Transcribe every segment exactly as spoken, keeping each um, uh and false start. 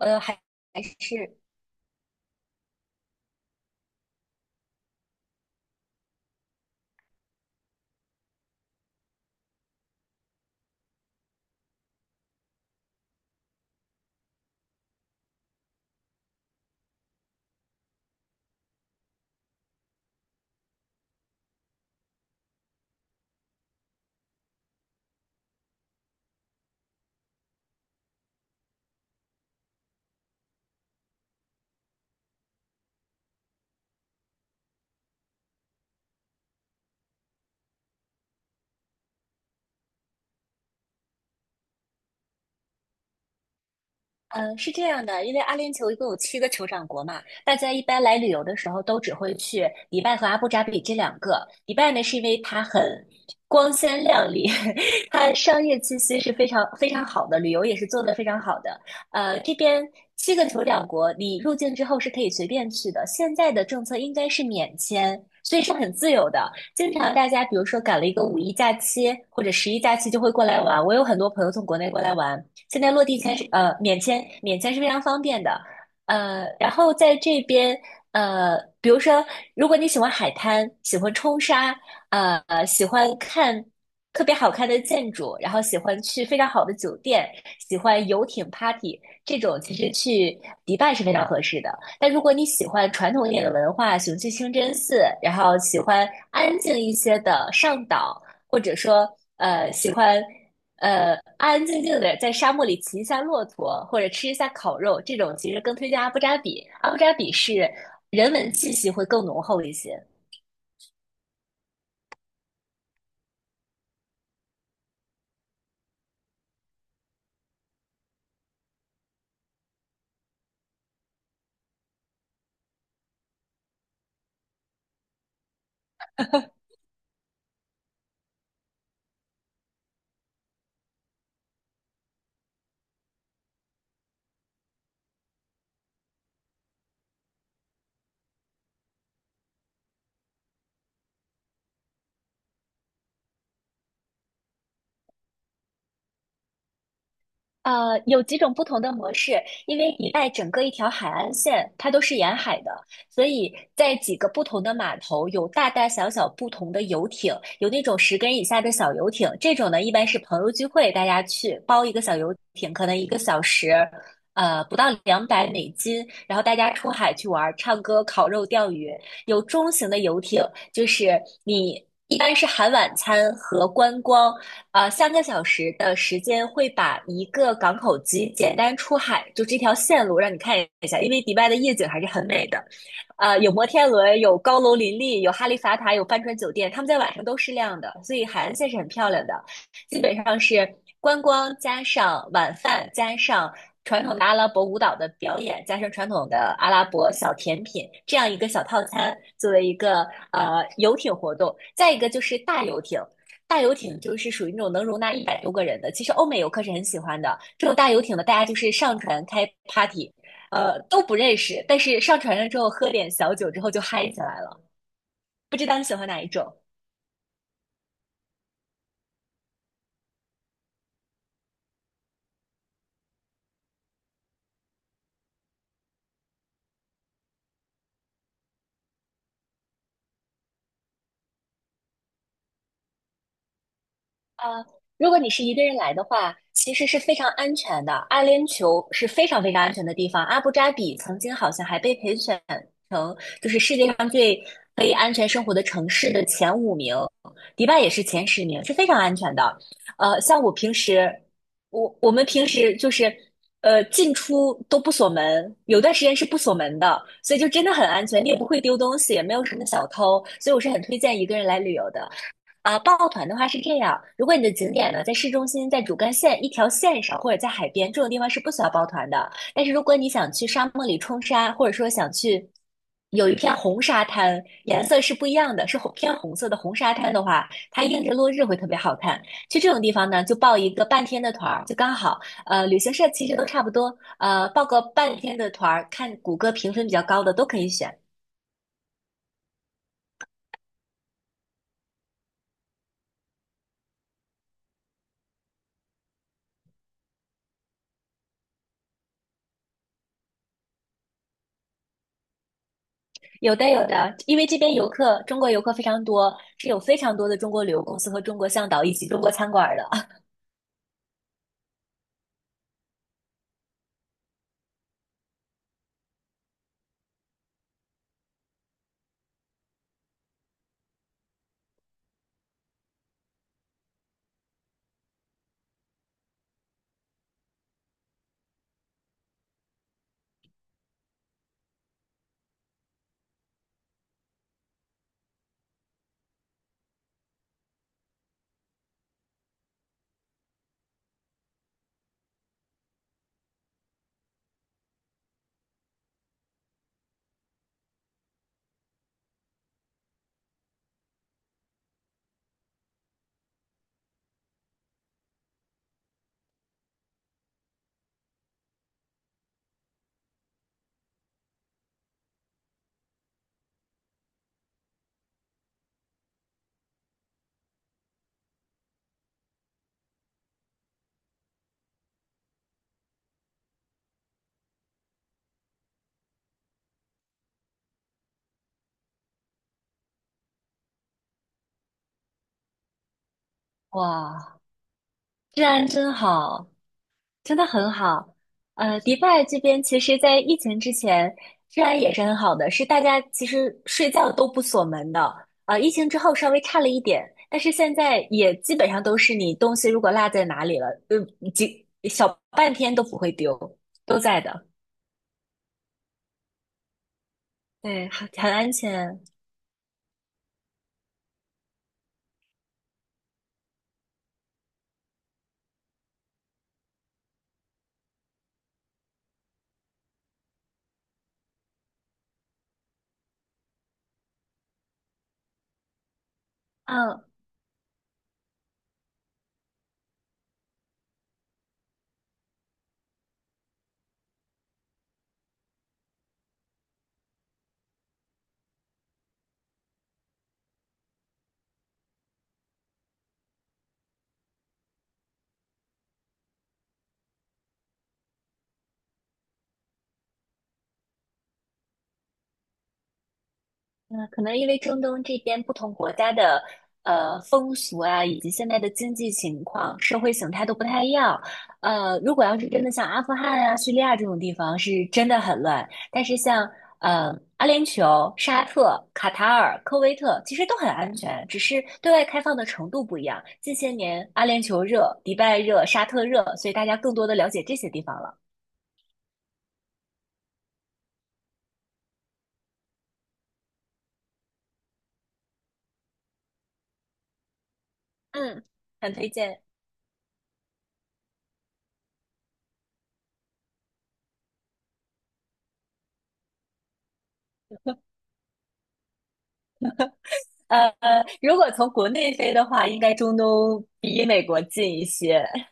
呃，还还是，嗯，是这样的，因为阿联酋一共有七个酋长国嘛，大家一般来旅游的时候都只会去迪拜和阿布扎比这两个。迪拜呢，是因为它很光鲜亮丽，它商业气息是非常非常好的，旅游也是做得非常好的。呃，这边七个酋长国，你入境之后是可以随便去的，现在的政策应该是免签。所以是很自由的，经常大家比如说赶了一个五一假期或者十一假期就会过来玩。我有很多朋友从国内过来玩，现在落地签是呃免签，免签是非常方便的。呃，然后在这边，呃，比如说，如果你喜欢海滩，喜欢冲沙，呃，喜欢看特别好看的建筑，然后喜欢去非常好的酒店，喜欢游艇 party 这种，其实去迪拜是非常合适的。但如果你喜欢传统一点的文化，喜欢去清真寺，然后喜欢安静一些的上岛，或者说呃喜欢呃，安安静静的在沙漠里骑一下骆驼，或者吃一下烤肉，这种其实更推荐阿布扎比。阿布扎比是人文气息会更浓厚一些。呃，有几种不同的模式，因为一带整个一条海岸线，它都是沿海的，所以在几个不同的码头有大大小小不同的游艇，有那种十根以下的小游艇，这种呢一般是朋友聚会，大家去包一个小游艇，可能一个小时，呃，不到两百美金，然后大家出海去玩儿，唱歌、烤肉、钓鱼。有中型的游艇，就是你一般是含晚餐和观光。呃，三个小时的时间会把一个港口级简单出海，就这条线路让你看一下，因为迪拜的夜景还是很美的。呃，有摩天轮，有高楼林立，有哈利法塔，有帆船酒店，他们在晚上都是亮的，所以海岸线是很漂亮的。基本上是观光加上晚饭加上。传统的阿拉伯舞蹈的表演，加上传统的阿拉伯小甜品，这样一个小套餐作为一个呃游艇活动。再一个就是大游艇，大游艇就是属于那种能容纳一百多个人的，其实欧美游客是很喜欢的。这种大游艇呢，大家就是上船开 party,呃，都不认识，但是上船了之后喝点小酒之后就嗨起来了。不知道你喜欢哪一种？呃，如果你是一个人来的话，其实是非常安全的。阿联酋是非常非常安全的地方。阿布扎比曾经好像还被评选成就是世界上最可以安全生活的城市的前五名，迪拜也是前十名，是非常安全的。呃，像我平时，我我们平时就是呃进出都不锁门，有段时间是不锁门的，所以就真的很安全，你也不会丢东西，也没有什么小偷，所以我是很推荐一个人来旅游的。啊，抱团的话是这样，如果你的景点呢在市中心，在主干线一条线上，或者在海边这种地方是不需要抱团的。但是如果你想去沙漠里冲沙，或者说想去有一片红沙滩，颜色是不一样的，是红偏红色的红沙滩的话，它映着落日会特别好看。去这种地方呢，就报一个半天的团儿，就刚好。呃，旅行社其实都差不多，呃，报个半天的团儿，看谷歌评分比较高的都可以选。有的有的，因为这边游客，中国游客非常多，是有非常多的中国旅游公司和中国向导以及中国餐馆的。哇 治安真好，真的很好。呃，迪拜这边其实，在疫情之前，治安也是很好的，是大家其实睡觉都不锁门的。呃，疫情之后稍微差了一点，但是现在也基本上都是你东西如果落在哪里了，呃，几小半天都不会丢，都在的。对，很很安全。嗯，嗯，可能因为中东这边不同国家的呃风俗啊，以及现在的经济情况、社会形态都不太一样。呃，如果要是真的像阿富汗啊、叙利亚这种地方，是真的很乱。但是像呃阿联酋、沙特、卡塔尔、科威特，其实都很安全，只是对外开放的程度不一样。近些年阿联酋热、迪拜热、沙特热，所以大家更多的了解这些地方了。嗯，很推荐。呃，如果从国内飞的话，应该中东比美国近一些。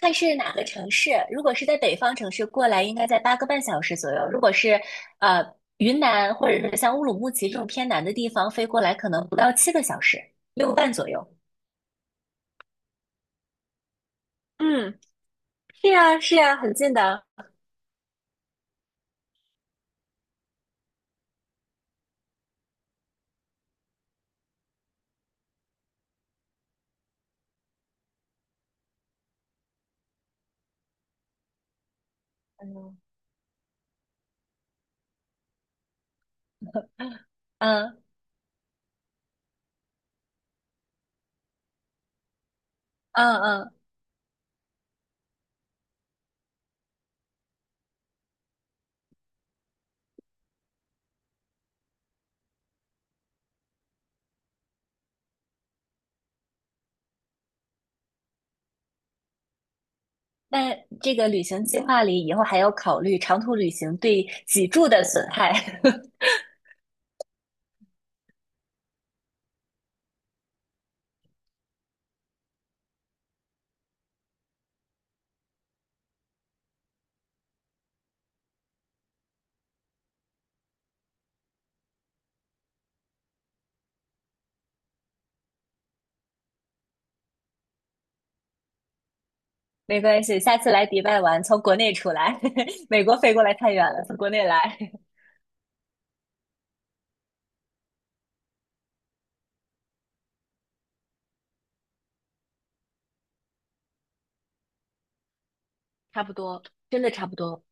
看是哪个城市，如果是在北方城市过来，应该在八个半小时左右；如果是呃云南或者是像乌鲁木齐这种偏南的地方飞过来，可能不到七个小时，六个半左右。嗯，是呀，是呀，很近的。嗯嗯嗯嗯，那这个旅行计划里以后还要考虑长途旅行对脊柱的损害。没关系，下次来迪拜玩，从国内出来，美国飞过来太远了，从国内来。差不多，真的差不多。